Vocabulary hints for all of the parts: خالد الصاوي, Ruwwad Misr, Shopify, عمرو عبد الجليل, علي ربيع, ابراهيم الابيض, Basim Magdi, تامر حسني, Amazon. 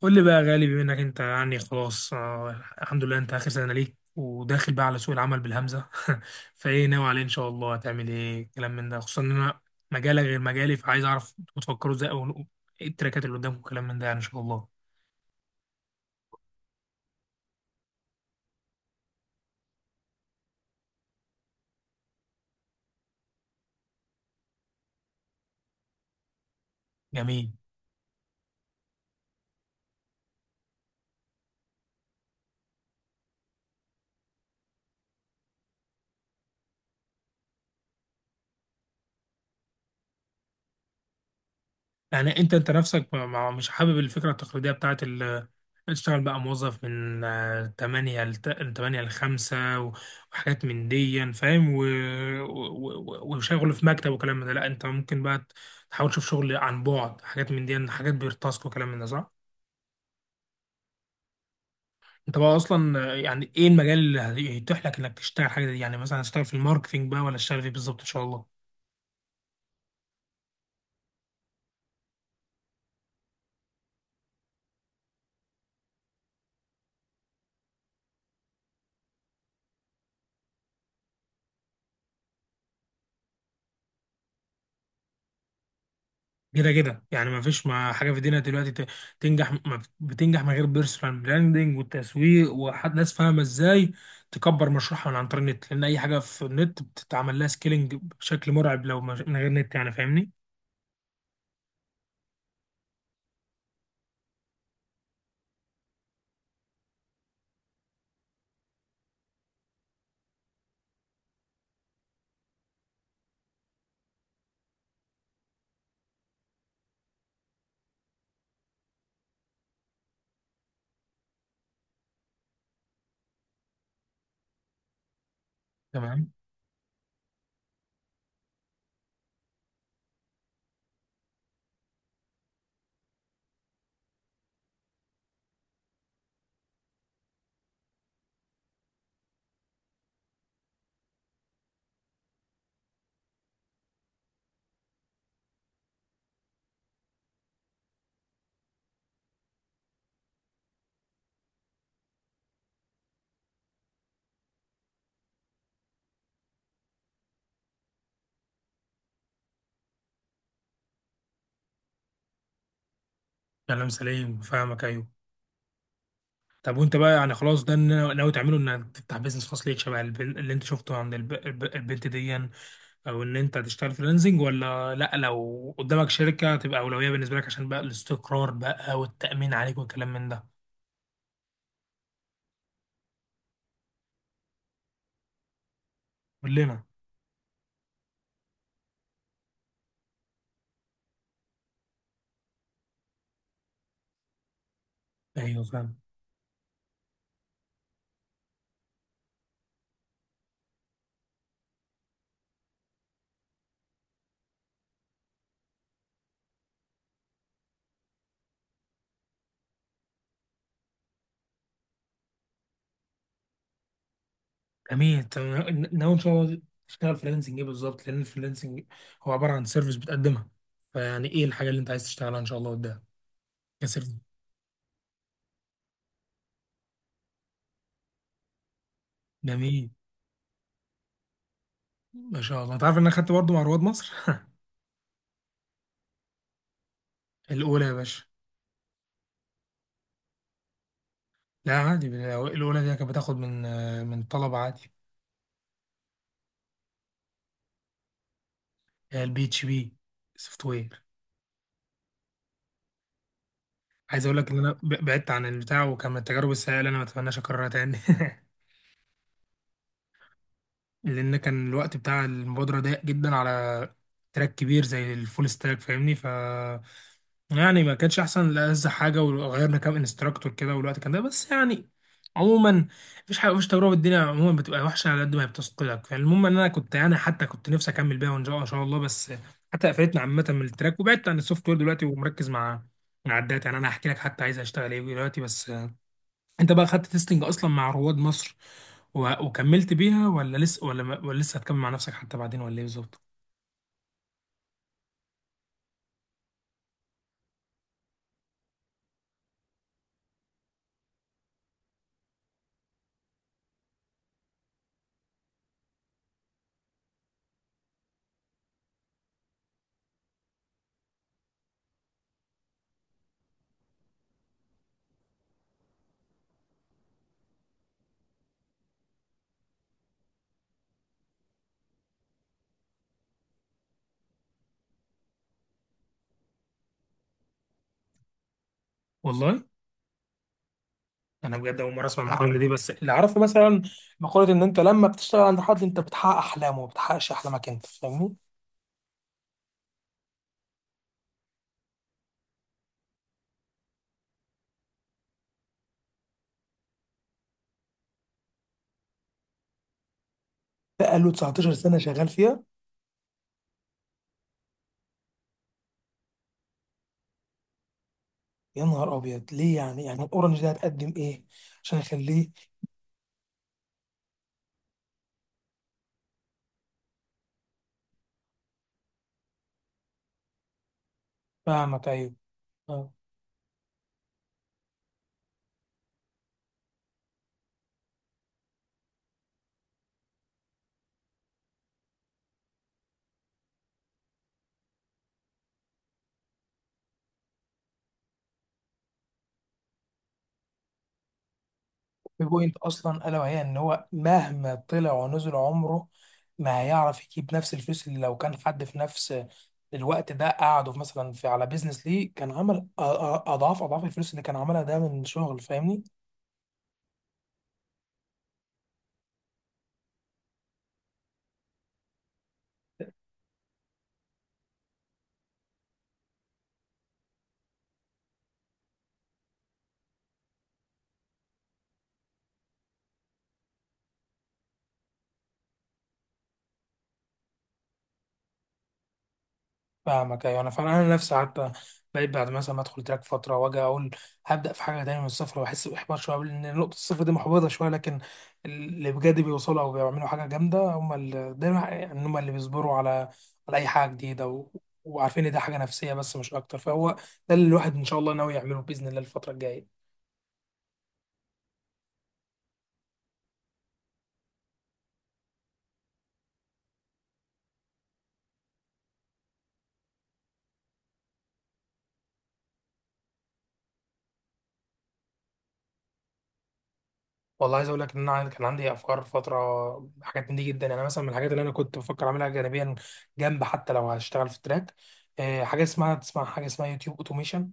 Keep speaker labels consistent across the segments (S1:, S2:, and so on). S1: قول لي بقى يا غالي، بما انك انت يعني خلاص الحمد لله انت اخر سنه ليك وداخل بقى على سوق العمل بالهمزه. فايه ناوي عليه ان شاء الله؟ هتعمل ايه كلام من ده، خصوصا ان انا مجالك غير مجالي، فعايز اعرف انتوا بتفكروا ازاي او ايه التراكات اللي قدامكم كلام من ده يعني ان شاء الله. جميل. يعني انت نفسك مش حابب الفكره التقليديه بتاعت تشتغل بقى موظف من 8 ل 8 ل 5 وحاجات من دي يعني، فاهم وشغل في مكتب وكلام من ده. لا انت ممكن بقى تحاول تشوف شغل عن بعد، حاجات من دي يعني، حاجات بيرتاسك وكلام من ده، صح؟ انت بقى اصلا يعني ايه المجال اللي هيتيح لك انك تشتغل حاجه دي يعني؟ مثلا هتشتغل في الماركتينج بقى ولا تشتغل فيه بالظبط ان شاء الله؟ كده كده يعني ما فيش ما حاجه في الدنيا دلوقتي تنجح ما بتنجح من غير بيرسونال براندنج والتسويق، وحد ناس فاهمه ازاي تكبر مشروعها من عن طريق النت، لان اي حاجه في النت بتتعمل لها سكيلينج بشكل مرعب لو من غير نت يعني، فاهمني. تمام، كلام سليم، فاهمك، ايوه. طب وانت بقى يعني خلاص ده اللي ناوي تعمله؟ انك تفتح بيزنس خاص ليك شبه اللي انت شفته عند البنت دي يعني، او ان انت تشتغل فريلانسنج؟ ولا لا، لو قدامك شركه تبقى اولويه بالنسبه لك عشان بقى الاستقرار بقى والتامين عليك والكلام من ده؟ كلنا. ايوه، فاهم. جميل، تمام. ناوي ان شاء الله تشتغل فريلانسنج ايه بالظبط؟ لان الفريلانسنج هو عباره عن سيرفيس بتقدمها، فيعني ايه الحاجه اللي انت عايز تشتغلها ان شاء الله قدام كسيرفيس؟ جميل، ما شاء الله. انت عارف ان انا خدت برضه مع رواد مصر؟ الاولى يا باشا. لا عادي، الاولى دي كانت بتاخد من طلبه عادي. البي اتش بي سوفت وير. عايز اقول لك ان انا بعدت عن البتاع، وكان من التجارب السيئه اللي انا ما اتمناش اكررها تاني. لان كان الوقت بتاع المبادره ضيق جدا على تراك كبير زي الفول ستاك، فاهمني؟ ف يعني ما كانش احسن لألذ حاجه، وغيرنا كام انستراكتور كده، والوقت كان ده بس يعني. عموما مفيش حاجه، مفيش تجربه في الدنيا عموما بتبقى وحشه على قد ما هي بتثقلك. فالمهم ان انا كنت يعني، حتى كنت نفسي اكمل بيها وان شاء إن شاء الله، بس حتى قفلتنا عامه من التراك، وبعدت عن السوفت وير دلوقتي، ومركز مع الداتا. يعني انا هحكي لك حتى عايز اشتغل ايه دلوقتي، بس انت بقى خدت تيستنج اصلا مع رواد مصر وكملت بيها، ولا لسه، ولا، ما... ولا لسه هتكمل مع نفسك حتى بعدين، ولا ايه بالظبط؟ والله انا بجد اول مره اسمع المقوله دي، بس اللي اعرفه مثلا مقوله ان انت لما بتشتغل عند حد انت بتحقق احلامه، ما بتحققش احلامك انت، فاهمني؟ بقاله 19 سنه شغال فيها. يا نهار ابيض، ليه يعني؟ يعني الاورنج ده هتقدم ايه عشان يخليه؟ فاهمك، ايوه. في بوينت اصلا الا وهي ان هو مهما طلع ونزل عمره ما هيعرف يجيب نفس الفلوس اللي لو كان حد في نفس الوقت ده قعده في مثلا في على بيزنس ليه، كان عمل اضعاف اضعاف الفلوس اللي كان عملها ده من شغل، فاهمني؟ فاهمك، ايوه. انا فعلا انا نفسي حتى بقيت بعد مثلا ما ادخل تراك فتره واجي اقول هبدا في حاجه تانية من الصفر، واحس باحباط شويه لان نقطه الصفر دي محبطه شويه. لكن اللي بجد بيوصلوا او بيعملوا حاجه جامده هم اللي دايما يعني، هم اللي بيصبروا على اي حاجه جديده، وعارفين ان ده حاجه نفسيه بس مش اكتر. فهو ده اللي الواحد ان شاء الله ناوي يعمله باذن الله الفتره الجايه. والله عايز اقول لك ان انا كان عندي افكار فتره، حاجات من دي جدا يعني، مثلا من الحاجات اللي انا كنت بفكر اعملها جانبيا جنب حتى لو هشتغل في التراك، حاجه اسمها، تسمع حاجه اسمها يوتيوب اوتوميشن؟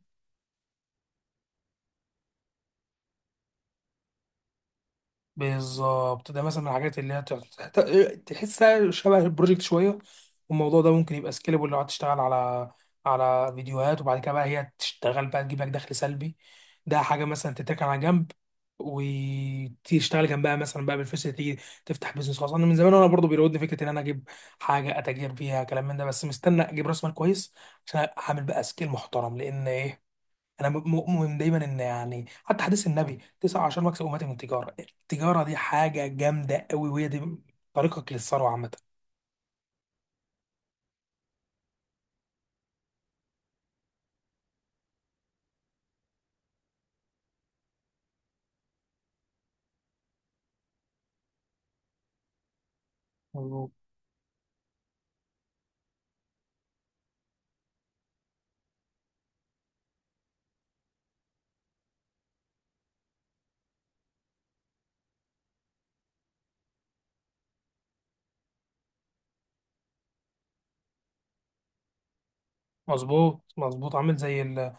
S1: بالظبط، ده مثلا من الحاجات اللي هي تحسها شبه البروجكت شويه، والموضوع ده ممكن يبقى سكيلبل لو هتشتغل على فيديوهات، وبعد كده بقى هي تشتغل بقى تجيب لك دخل سلبي. ده حاجه مثلا تتركن على جنب، وتشتغل جنبها مثلا بقى بالفلوس اللي تيجي تفتح بيزنس خاص. انا من زمان وانا برضو بيراودني فكره ان انا اجيب حاجه اتاجر فيها كلام من ده، بس مستني اجيب راس مال كويس عشان اعمل بقى سكيل محترم. لان ايه، انا مؤمن دايما ان يعني، حتى حديث النبي تسعة عشر مكسب امتي من التجاره. التجاره دي حاجه جامده قوي، وهي دي طريقك للثروه عامه. مظبوط، مظبوط، مظبوط، عامل زي ال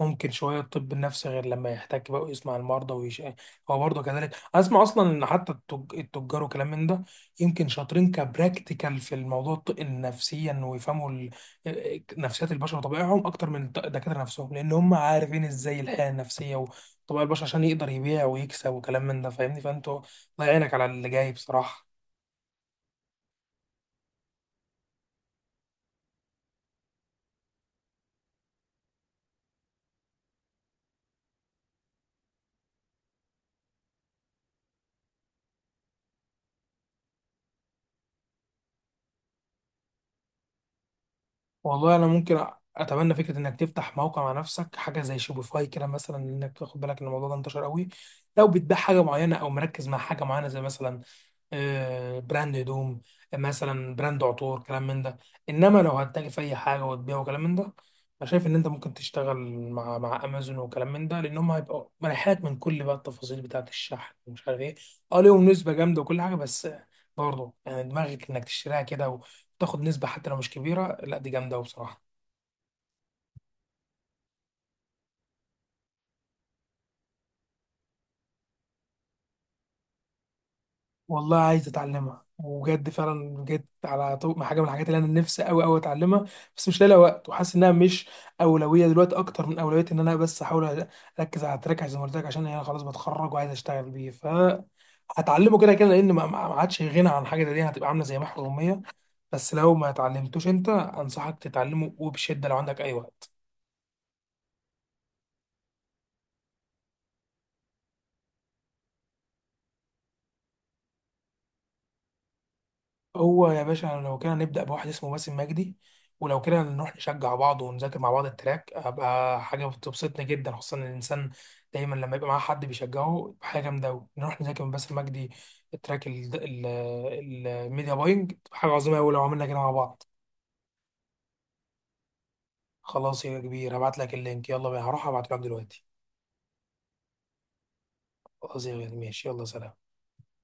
S1: ممكن شوية الطب النفسي، غير لما يحتك بقى ويسمع المرضى ويش. هو برضه كذلك، أسمع أصلا إن حتى التجار وكلام من ده يمكن شاطرين كبراكتيكال في الموضوع النفسيا، ويفهموا نفسيات البشر وطبائعهم أكتر من الدكاترة نفسهم، لأن هم عارفين إزاي الحياة النفسية وطبائع البشر، عشان يقدر يبيع ويكسب وكلام من ده، فاهمني؟ فأنتوا الله يعينك على اللي جاي بصراحة. والله انا ممكن اتبنى فكره انك تفتح موقع مع نفسك حاجه زي شوبيفاي كده، مثلا انك تاخد بالك ان الموضوع ده انتشر قوي لو بتبيع حاجه معينه، او مركز مع حاجه معينه زي مثلا براند هدوم، مثلا براند عطور كلام من ده. انما لو هتتاجر في اي حاجه وتبيع وكلام من ده، انا شايف ان انت ممكن تشتغل مع امازون وكلام من ده، لان هم هيبقوا مريحات من كل بقى التفاصيل بتاعه الشحن ومش عارف ايه. اه ليهم نسبه جامده وكل حاجه، بس برضه يعني دماغك انك تشتريها كده، تاخد نسبة حتى لو مش كبيرة، لا دي جامدة أوي بصراحة. والله عايز أتعلمها وبجد، فعلا جيت على مع حاجة من الحاجات اللي أنا نفسي أوي أوي أتعلمها، بس مش لاقي لها وقت، وحاسس إنها مش أولوية دلوقتي أكتر من أولوية إن أنا بس أحاول أركز على التراك زي ما قلت لك، عشان أنا خلاص بتخرج وعايز أشتغل بيه. ف هتعلمه كده كده، لأن ما عادش غنى عن حاجة زي دي، هتبقى عاملة زي محو أمية. بس لو ما اتعلمتوش أنت، أنصحك تتعلمه وبشدة لو عندك أي وقت. هو يا باشا لو كده نبدأ بواحد اسمه باسم مجدي، ولو كده نروح نشجع بعض ونذاكر مع بعض التراك، هبقى حاجة بتبسطني جدا، خصوصا إن الإنسان دايما لما يبقى معاه حد بيشجعه يبقى حاجة جامدة أوي. نروح نذاكر من باسم مجدي التراك الميديا باينج، تبقى حاجة عظيمة أوي لو عملنا كده مع بعض. خلاص يا كبير، هبعت لك اللينك، يلا بينا، هروح ابعته لك دلوقتي. خلاص يا غالي، ماشي، يلا سلام.